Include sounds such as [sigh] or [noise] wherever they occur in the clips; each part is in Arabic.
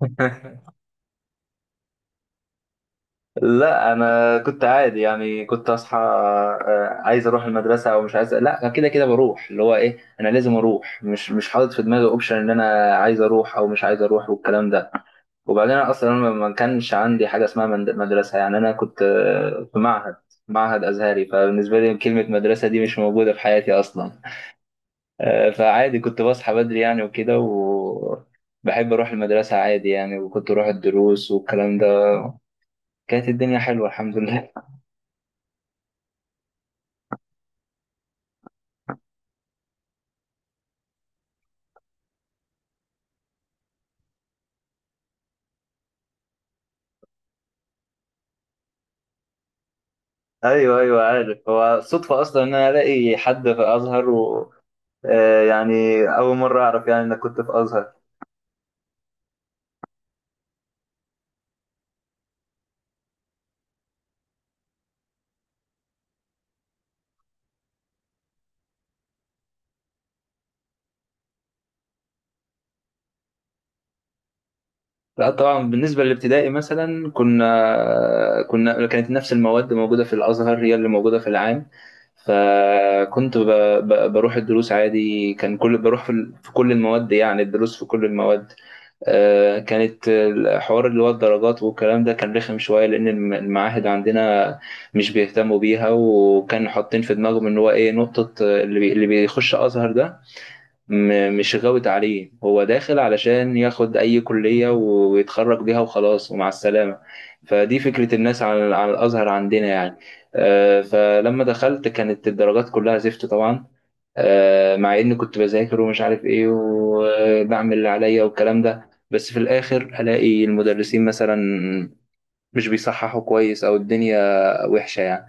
[laughs] لا انا كنت عادي يعني كنت اصحى. عايز اروح المدرسه او مش عايز، لا أنا كده كده بروح، اللي هو ايه، انا لازم اروح. مش حاطط في دماغي اوبشن ان انا عايز اروح او مش عايز اروح والكلام ده. وبعدين أنا اصلا ما كانش عندي حاجه اسمها مدرسه، يعني انا كنت، في معهد ازهري، فبالنسبه لي كلمه مدرسه دي مش موجوده في حياتي اصلا. فعادي كنت بصحى بدري يعني وكده، و بحب اروح المدرسه عادي يعني، وكنت اروح الدروس والكلام ده. كانت الدنيا حلوه الحمد لله. ايوه ايوه عارف، هو صدفه اصلا ان انا الاقي حد في ازهر، و يعني اول مره اعرف يعني انك كنت في ازهر. لا طبعا بالنسبة للابتدائي مثلا كنا كانت نفس المواد موجودة في الأزهر هي اللي موجودة في العام. فكنت بروح الدروس عادي، كان كل بروح في كل المواد يعني، الدروس في كل المواد. كانت الحوار اللي هو الدرجات والكلام ده كان رخم شوية، لأن المعاهد عندنا مش بيهتموا بيها، وكانوا حاطين في دماغهم إن هو إيه، نقطة اللي بيخش أزهر ده مش غاوت عليه، هو داخل علشان ياخد أي كلية ويتخرج بيها وخلاص ومع السلامة، فدي فكرة الناس على على الأزهر عندنا يعني. فلما دخلت كانت الدرجات كلها زفت طبعا. مع إني كنت بذاكر ومش عارف إيه وبعمل اللي عليا والكلام ده، بس في الآخر ألاقي المدرسين مثلا مش بيصححوا كويس، أو الدنيا وحشة يعني.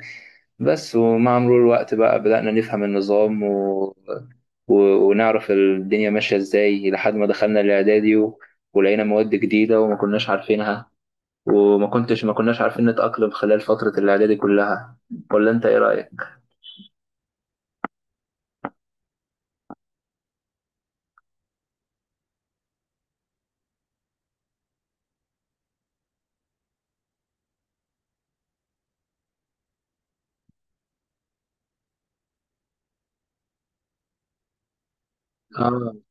بس ومع مرور الوقت بقى بدأنا نفهم النظام و... ونعرف الدنيا ماشية ازاي، لحد ما دخلنا الإعدادي و... ولقينا مواد جديدة وما كناش عارفينها، وما كنتش ما كناش عارفين نتأقلم خلال فترة الإعدادي كلها. ولا أنت إيه رأيك؟ اه.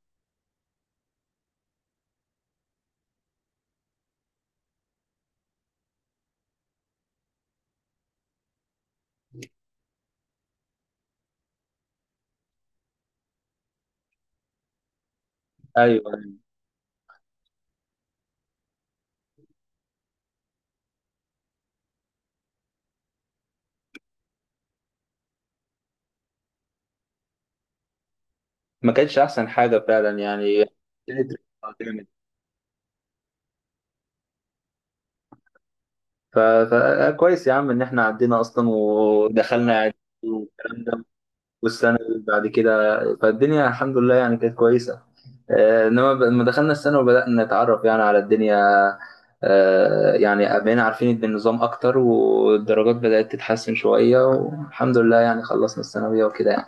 ايوه أيوة. ما كانتش أحسن حاجة فعلا يعني، كانت رخمة جامد. فكويس يا عم إن إحنا عدينا أصلا ودخلنا إعدادي والكلام ده، والسنة اللي بعد كده فالدنيا الحمد لله يعني كانت كويسة. انما لما دخلنا السنة وبدأنا نتعرف يعني على الدنيا، يعني بقينا عارفين النظام اكتر، والدرجات بدأت تتحسن شوية، والحمد لله يعني خلصنا الثانوية وكده يعني.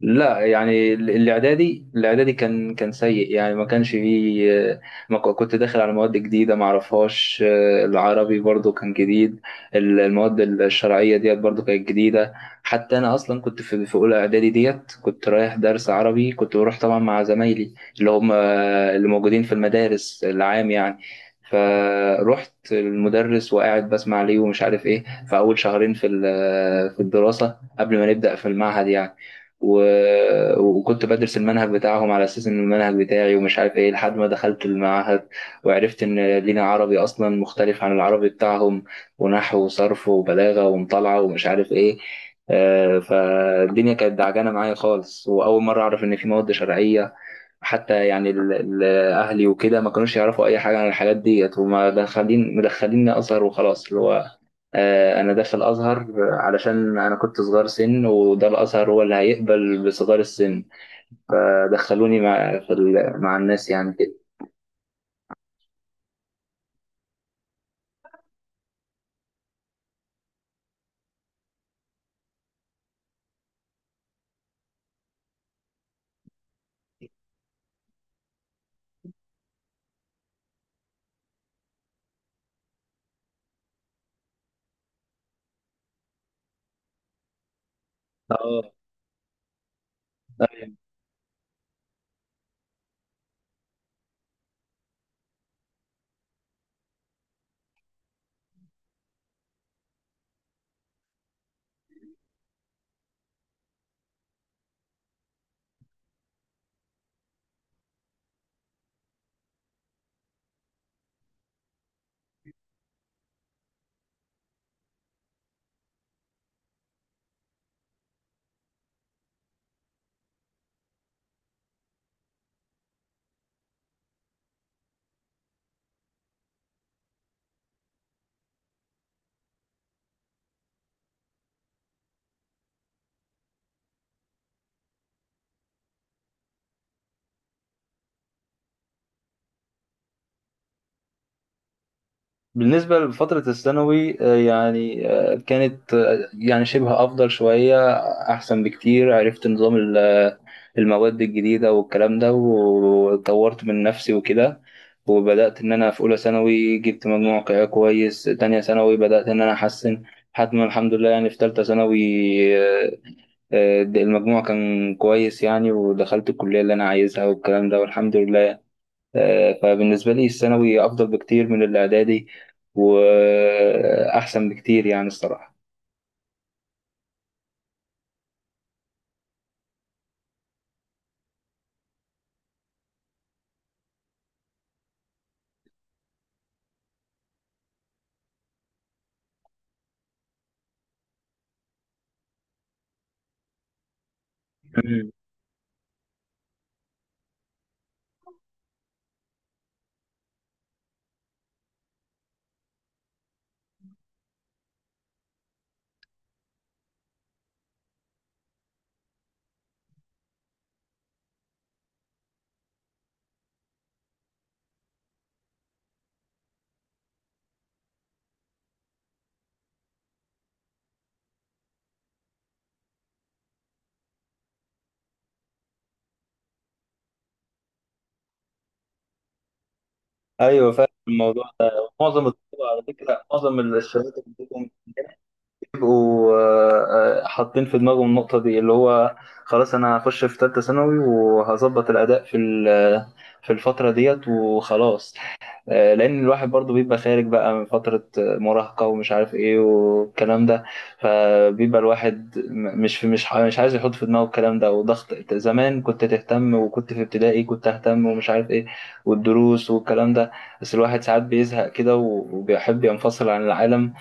لا يعني الاعدادي كان سيء يعني، ما كانش فيه، ما ك- كنت داخل على مواد جديدة ما اعرفهاش. العربي برضو كان جديد، المواد الشرعية ديت برضو كانت جديدة. حتى انا اصلا كنت في اولى اعدادي ديت كنت رايح درس عربي، كنت بروح طبعا مع زمايلي اللي هم اللي موجودين في المدارس العام يعني، فروحت المدرس وقاعد بسمع ليه ومش عارف ايه، في اول شهرين في الدراسه قبل ما نبدا في المعهد يعني، وكنت بدرس المنهج بتاعهم على اساس ان المنهج بتاعي ومش عارف ايه، لحد ما دخلت المعهد وعرفت ان لينا عربي اصلا مختلف عن العربي بتاعهم، ونحو وصرف وبلاغه ومطالعه ومش عارف ايه. فالدنيا كانت دعجانه معايا خالص، واول مره اعرف ان في مواد شرعيه. حتى يعني ال- اهلي وكده ما كانوش يعرفوا اي حاجه عن الحاجات ديت، وما مدخليني ازهر وخلاص، اللي هو انا داخل ازهر علشان انا كنت صغير سن، وده الازهر هو اللي هيقبل بصغار السن، فدخلوني مع الناس يعني كده. اه. بالنسبة لفترة الثانوي، يعني كانت يعني شبه أفضل شوية، أحسن بكتير، عرفت نظام المواد الجديدة والكلام ده، وطورت من نفسي وكده، وبدأت إن أنا في أولى ثانوي جبت مجموع كويس، تانية ثانوي بدأت إن أنا أحسن، لحد ما الحمد لله يعني في تالتة ثانوي آه، المجموع كان كويس يعني، ودخلت الكلية اللي أنا عايزها والكلام ده والحمد لله. فبالنسبة لي الثانوي أفضل بكتير من الإعدادي، وأحسن بكتير يعني الصراحة. مم. أيوه فاهم الموضوع ده، معظم الطلبة على فكرة، معظم الشباب عندهم بيبقوا حاطين في دماغهم النقطة دي، اللي هو خلاص أنا هخش في تالتة ثانوي وهظبط الأداء في الفترة ديت وخلاص. لان الواحد برضو بيبقى خارج بقى من فترة مراهقة ومش عارف ايه والكلام ده، فبيبقى الواحد مش في مش عايز يحط في دماغه الكلام ده، وضغط زمان كنت تهتم، وكنت في ابتدائي كنت اهتم ومش عارف ايه والدروس والكلام ده. بس الواحد ساعات بيزهق كده وبيحب ينفصل عن العالم،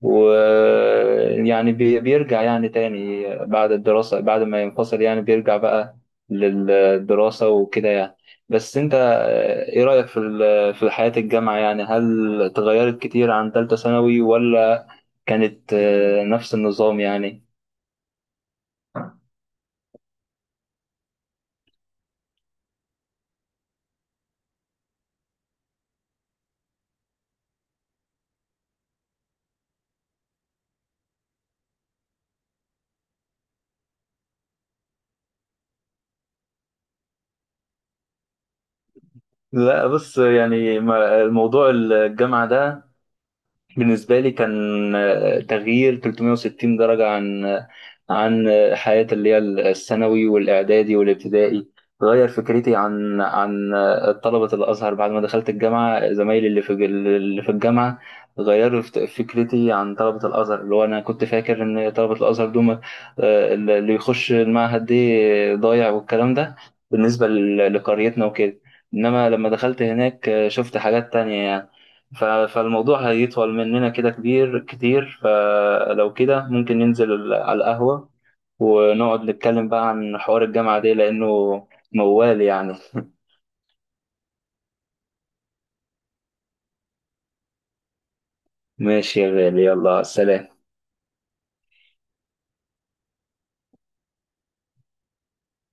ويعني بيرجع يعني تاني بعد الدراسة، بعد ما ينفصل يعني بيرجع بقى للدراسة وكده يعني. بس انت ايه رأيك في حياة الجامعة يعني؟ هل اتغيرت كتير عن تالتة ثانوي ولا كانت نفس النظام يعني؟ لا بص يعني، الموضوع الجامعة ده بالنسبة لي كان تغيير 360 درجة عن حياتي اللي هي الثانوي والإعدادي والابتدائي. غير فكرتي عن طلبة الأزهر، بعد ما دخلت الجامعة زمايلي اللي في الجامعة غيروا فكرتي عن طلبة الأزهر، اللي هو أنا كنت فاكر إن طلبة الأزهر دول اللي يخش المعهد دي ضايع والكلام ده، بالنسبة لقريتنا وكده، إنما لما دخلت هناك شفت حاجات تانية يعني. ف- فالموضوع هيطول مننا كده كبير كتير، فلو كده ممكن ننزل على القهوة، ونقعد نتكلم بقى عن حوار الجامعة دي لأنه موال يعني. ماشي يا غالي، يلا سلام.